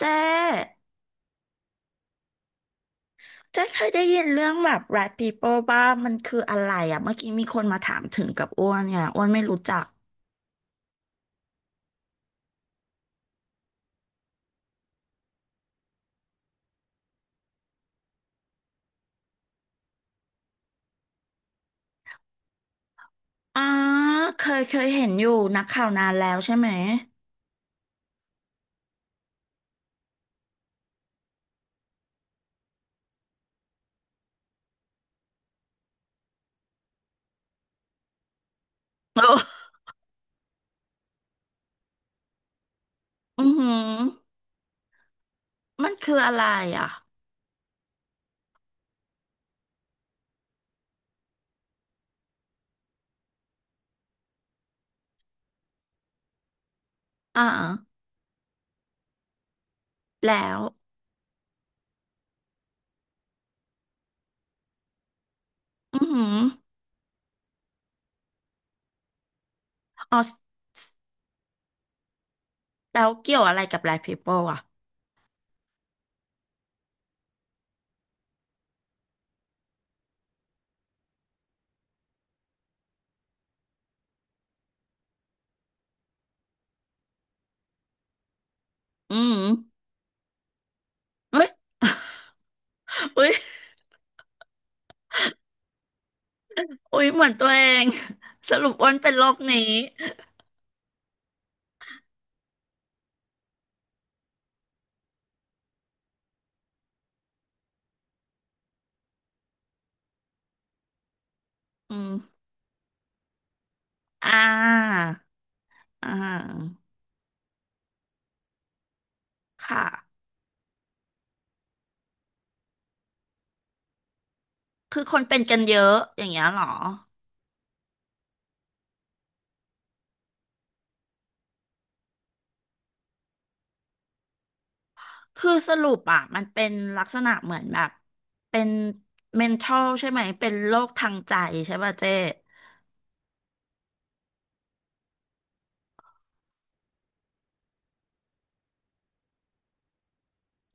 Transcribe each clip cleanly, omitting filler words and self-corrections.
เจ๊เจ๊เคยได้ยินเรื่องแบบ rat people บ้างมันคืออะไรอ่ะเมื่อกี้มีคนมาถามถึงกับอ้วนเนี่ยอ้วนไม่รู้จักอ๋อเคยเคยเห็นอยู่นักข่าวนานแล้วใช่ไหมโอ้ อือหือมันคืออะไรอ่ะอ่าแล้วอือหืออ๋อแล้วเกี่ยวอะไรกับ rat people อ่ะอือหือเฮ้ยเฮ้ยเฮ้ยเหมือนตัวเองสรุปอ้วนเป็นโรคนี้อืมอ่าอ่าค่ะ คือคนเป็นกันเยอะอย่างเงี้ยเหรอ คือสรุปอ่ะมันเป็นลักษณะเหมือนแบบเป็น mental ใช่ไหม เป็นโรคทางใจใช่ป่ะเจ๊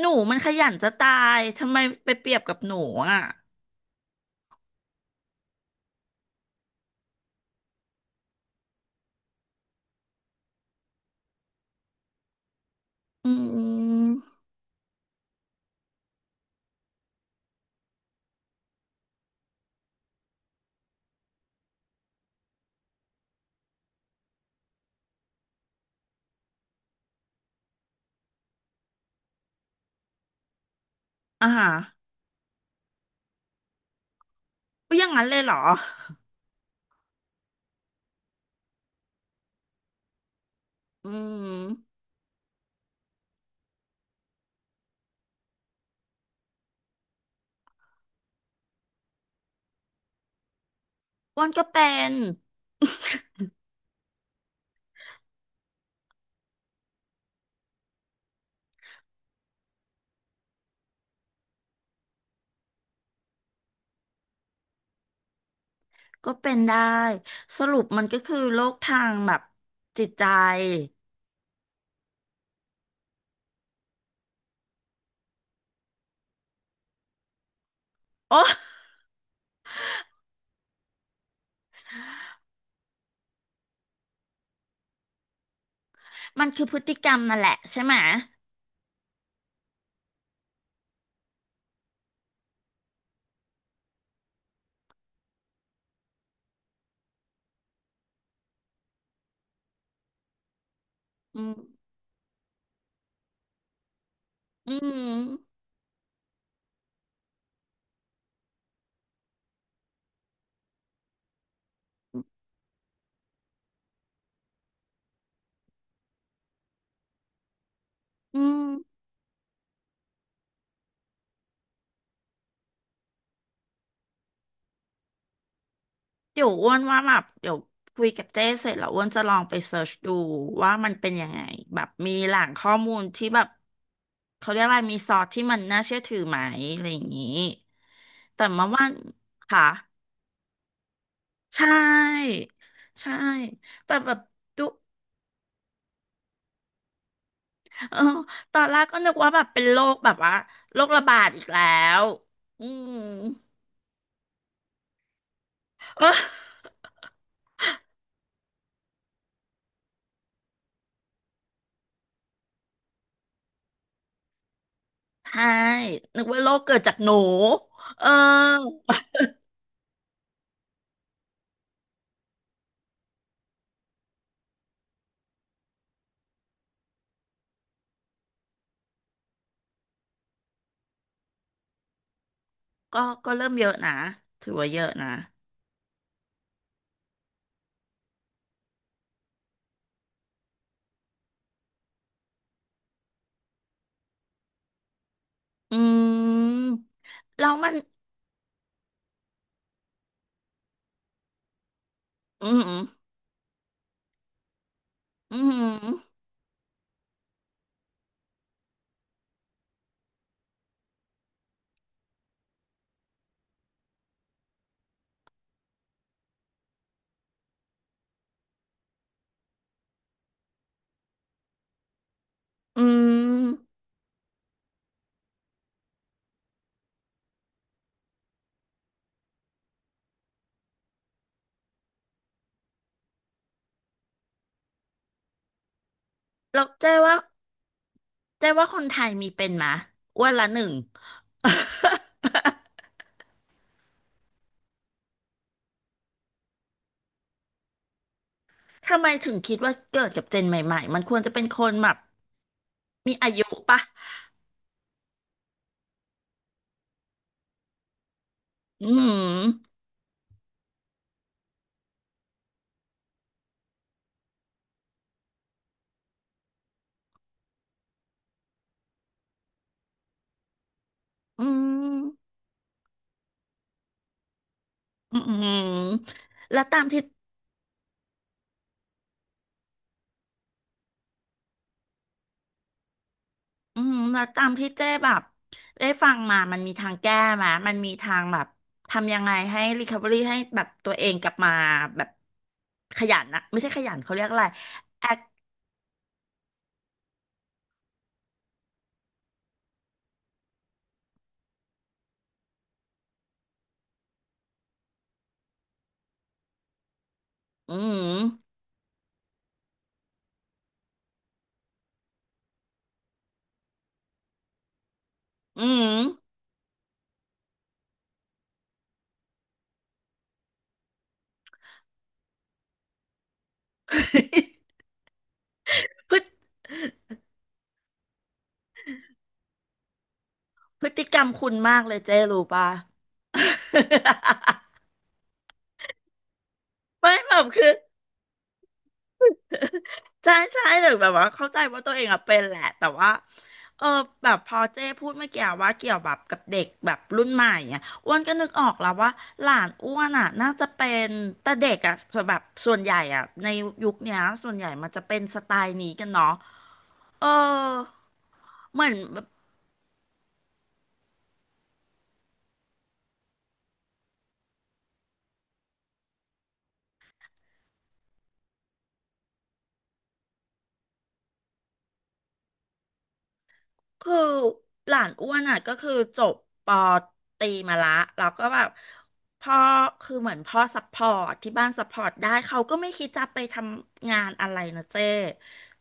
หนูมันขยันจะตายทำไมไปเปรียบกับหนูอ่ะอืมอ่าก็อย่างนั้นเลยเหรออืมอ้วนก็เป็นก็เป็นได้สรุปมันก็คือโรคทางแบบจิตใจโอ้มันคือพฤติกรรมนั่นแหละใช่ไหมอืมอืมอืม เดี๋ยวอ้วนว่าแบบเดี๋ยวคุยกับเจ้เสร็จแล้วอ้วนจะลองไปเสิร์ชดูว่ามันเป็นยังไงแบบมีแหล่งข้อมูลที่แบบเขาเรียกอะไรมีซอสที่มันน่าเชื่อถือไหมอะไรอย่างนี้แต่มาว่าค่ะใช่ใช่แต่แบบดูเออตอนแรกก็นึกว่าแบบเป็นโรคแบบว่าโรคระบาดอีกแล้วอืมเออใช่นึกว่าโรคเกิดจากหนูเออ ก็ก็เริ่มเยอะนะถือว่าเยอะนะอืมแล้วมันอืมอืมอืมแล้วเจ๊ว่าเจ๊ว่าคนไทยมีเป็นมะอ้วันละหนึ่ง ทำไมถึงคิดว่าเกิดกับเจนใหม่ๆมันควรจะเป็นคนแบบมีอายุปะอืมอืมอืมแล้วตามที่ อืมแล้วตามที่เจ้แบบได้ฟังมามันมีทางแก้ไหมมันมีทางแบบทำยังไงให้ r e c o v e ี่ให้แบบตัวเองกลับมาแบบขยันนะไม่ใช่ขยันเขาเรียกอะไรแอคอืมอืม พฤติกรรมคุณมากเลยเจ้รู้ป่ะ ไม่แบบคือ ใช่ใช่แต่แบบว่าเข้าใจว่าตัวเองอะเป็นแหละแต่ว่าเออแบบพอเจ้พูดเมื่อกี้ว่าเกี่ยวแบบกับเด็กแบบรุ่นใหม่อ่ะอ้วนก็นึกออกแล้วว่าหลานอ้วนอ่ะน่าจะเป็นแต่เด็กอ่ะแบบส่วนใหญ่อ่ะในยุคเนี้ยส่วนใหญ่มันจะเป็นสไตล์นี้กันเนาะเออเหมือน คือหลานอ้วนอ่ะก็คือจบปอตรีมาละแล้วก็แบบพ่อคือเหมือนพ่อซัพพอร์ตที่บ้านซัพพอร์ตได้เขาก็ไม่คิดจะไปทำงานอะไรนะเจ้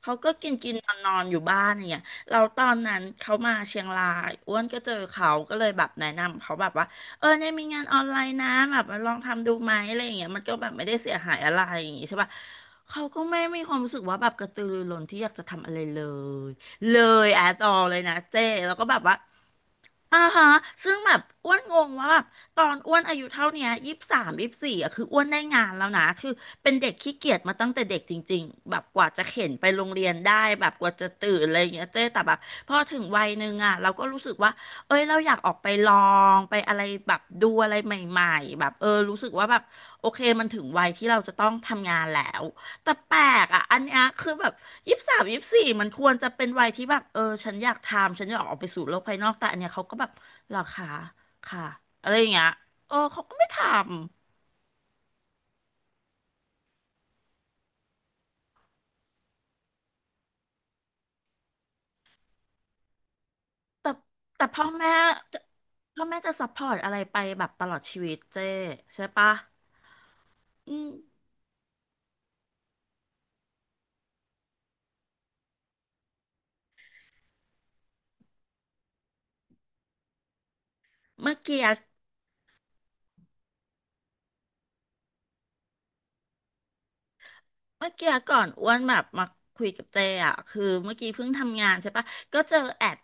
เขาก็กินกินนอนนอนอยู่บ้านอย่างเนี่ยเราตอนนั้นเขามาเชียงรายอ้วนก็เจอเขาก็เลยแบบแนะนำเขาแบบว่าเออเนี่ยมีงานออนไลน์นะแบบมาลองทำดูไหมอะไรอย่างเงี้ยมันก็แบบไม่ได้เสียหายอะไรอย่างงี้ใช่ป่ะเขาก็ไม่มีความรู้สึกว่าแบบกระตือรือร้นที่อยากจะทำอะไรเลย เลยแอดออเลยนะเจ้แล้วก็แบบว่าอ่าฮะซึ่งแบบอ้วนงงว่าแบบตอนอ้วนอายุเท่าเนี้ยยี่สิบสามยี่สิบสี่อ่ะคืออ้วนได้งานแล้วนะคือเป็นเด็กขี้เกียจมาตั้งแต่เด็กจริงๆแบบกว่าจะเข็นไปโรงเรียนได้แบบกว่าจะตื่นอะไรอย่างเงี้ยเจ้แต่แบบพอถึงวัยหนึ่งอ่ะเราก็รู้สึกว่าเอ้ยเราอยากออกไปลองไปอะไรแบบดูอะไรใหม่ๆแบบเออรู้สึกว่าแบบโอเคมันถึงวัยที่เราจะต้องทำงานแล้ว แต่แปลกอ่ะอันเนี้ยคือแบบยี่สิบสามยี่สิบสี่มันควรจะเป็นวัยที่แบบเออฉันอยากทำฉันอยากออกไปสู่โลกภายนอกแต่อันเนี้ยเขาก็แบบหรอคะค่ะอะไรอย่างเงี้ยเออเขาก็ไม่ทำแต่แต่พ่อแม่จะพ่อแม่จะซัพพอร์ตอะไรไปแบบตลอดชีวิตเจ้ใช่ปะอืมเมื่อกี้ เมื่อกี้ก่อนอ้วนแบบมาคุยกับเจอ่ะคือเมื่อกี้เพิ่งทำงานใช่ปะก็เจอแอด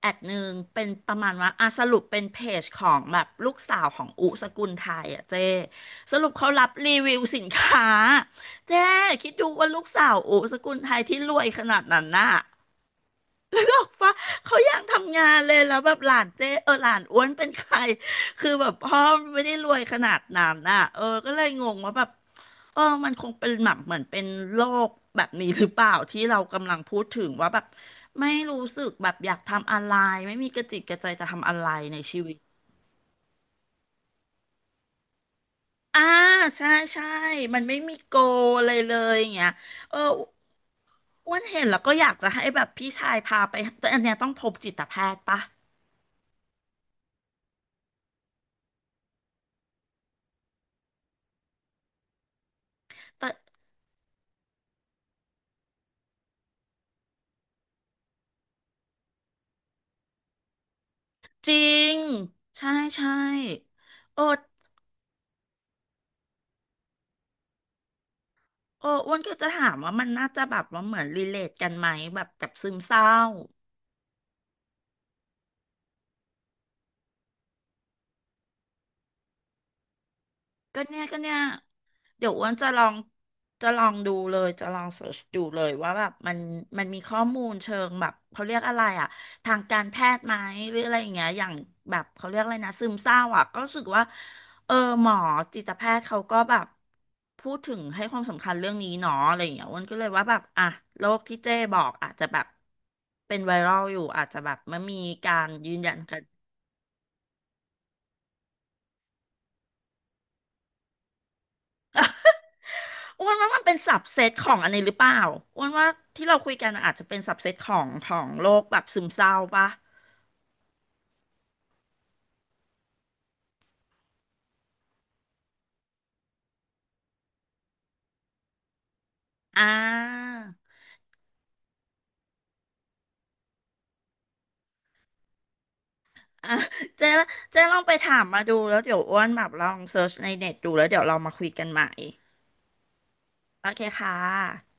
แอดหนึ่งเป็นประมาณว่าอ่ะสรุปเป็นเพจของแบบลูกสาวของอุสกุลไทยอ่ะเจสรุปเขารับรีวิวสินค้าเจคิดดูว่าลูกสาวอุสกุลไทยที่รวยขนาดนั้นน่ะ นึกออกปะเขาอยากทำงานเลยแล้วแบบหลานเจ๊เออหลานอ้วนเป็นใครคือแบบพ่อไม่ได้รวยขนาดนั้นน่ะเออก็เลยงงว่าแบบเออมันคงเป็นแบบเหมือนเป็นโรคแบบนี้หรือเปล่าที่เรากำลังพูดถึงว่าแบบไม่รู้สึกแบบอยากทำอะไรไม่มีกระจิตกระใจจะทำอะไรในชีวิตอ่าใช่ใช่มันไม่มีโกอะไรเลยอย่างเงี้ยเอออ้วนเห็นแล้วก็อยากจะให้แบบพี่ชายพาไปแต่อันเนี้ยต้องพบจิตแพทย์ปะแต่ จริงใช่ใช่โอ้อ้วนก็จะถามว่ามันน่าจะแบบว่าเหมือนรีเลทกันไหมแบบกับซึมเศร้า ก็เนี่ยก็เนี่ยเดี๋ยวอ้วนจะลองจะลองดูเลยจะลองเสิร์ชดูเลยว่าแบบมันมันมีข้อมูลเชิงแบบเขาเรียกอะไรอะทางการแพทย์ไหมหรืออะไรอย่างเงี้ยอย่างแบบเขาเรียกอะไรนะซึมเศร้าอะก็รู้สึกว่าเออหมอจิตแพทย์เขาก็แบบพูดถึงให้ความสำคัญเรื่องนี้เนาะอะไรอย่างเงี้ยอ้วนก็เลยว่าแบบอ่ะโรคที่เจ้บอกอาจจะแบบเป็นไวรัลอยู่อาจจะแบบไมันมีการยืนยัน อ้วนว่ามันเป็นสับเซตของอันนี้หรือเปล่าอ้วนว่าที่เราคุยกันอาจจะเป็นสับเซตของของโรคแบบซึมเศร้าปะอ่าอ่าเจ๊เจ๊ลองไปถามมาดูแล้วเดี๋ยวอ้วนแบบลองเซิร์ชในเน็ตดูแล้วเดี๋ยวเรามาคุยกันใหม่โอเคค่ะ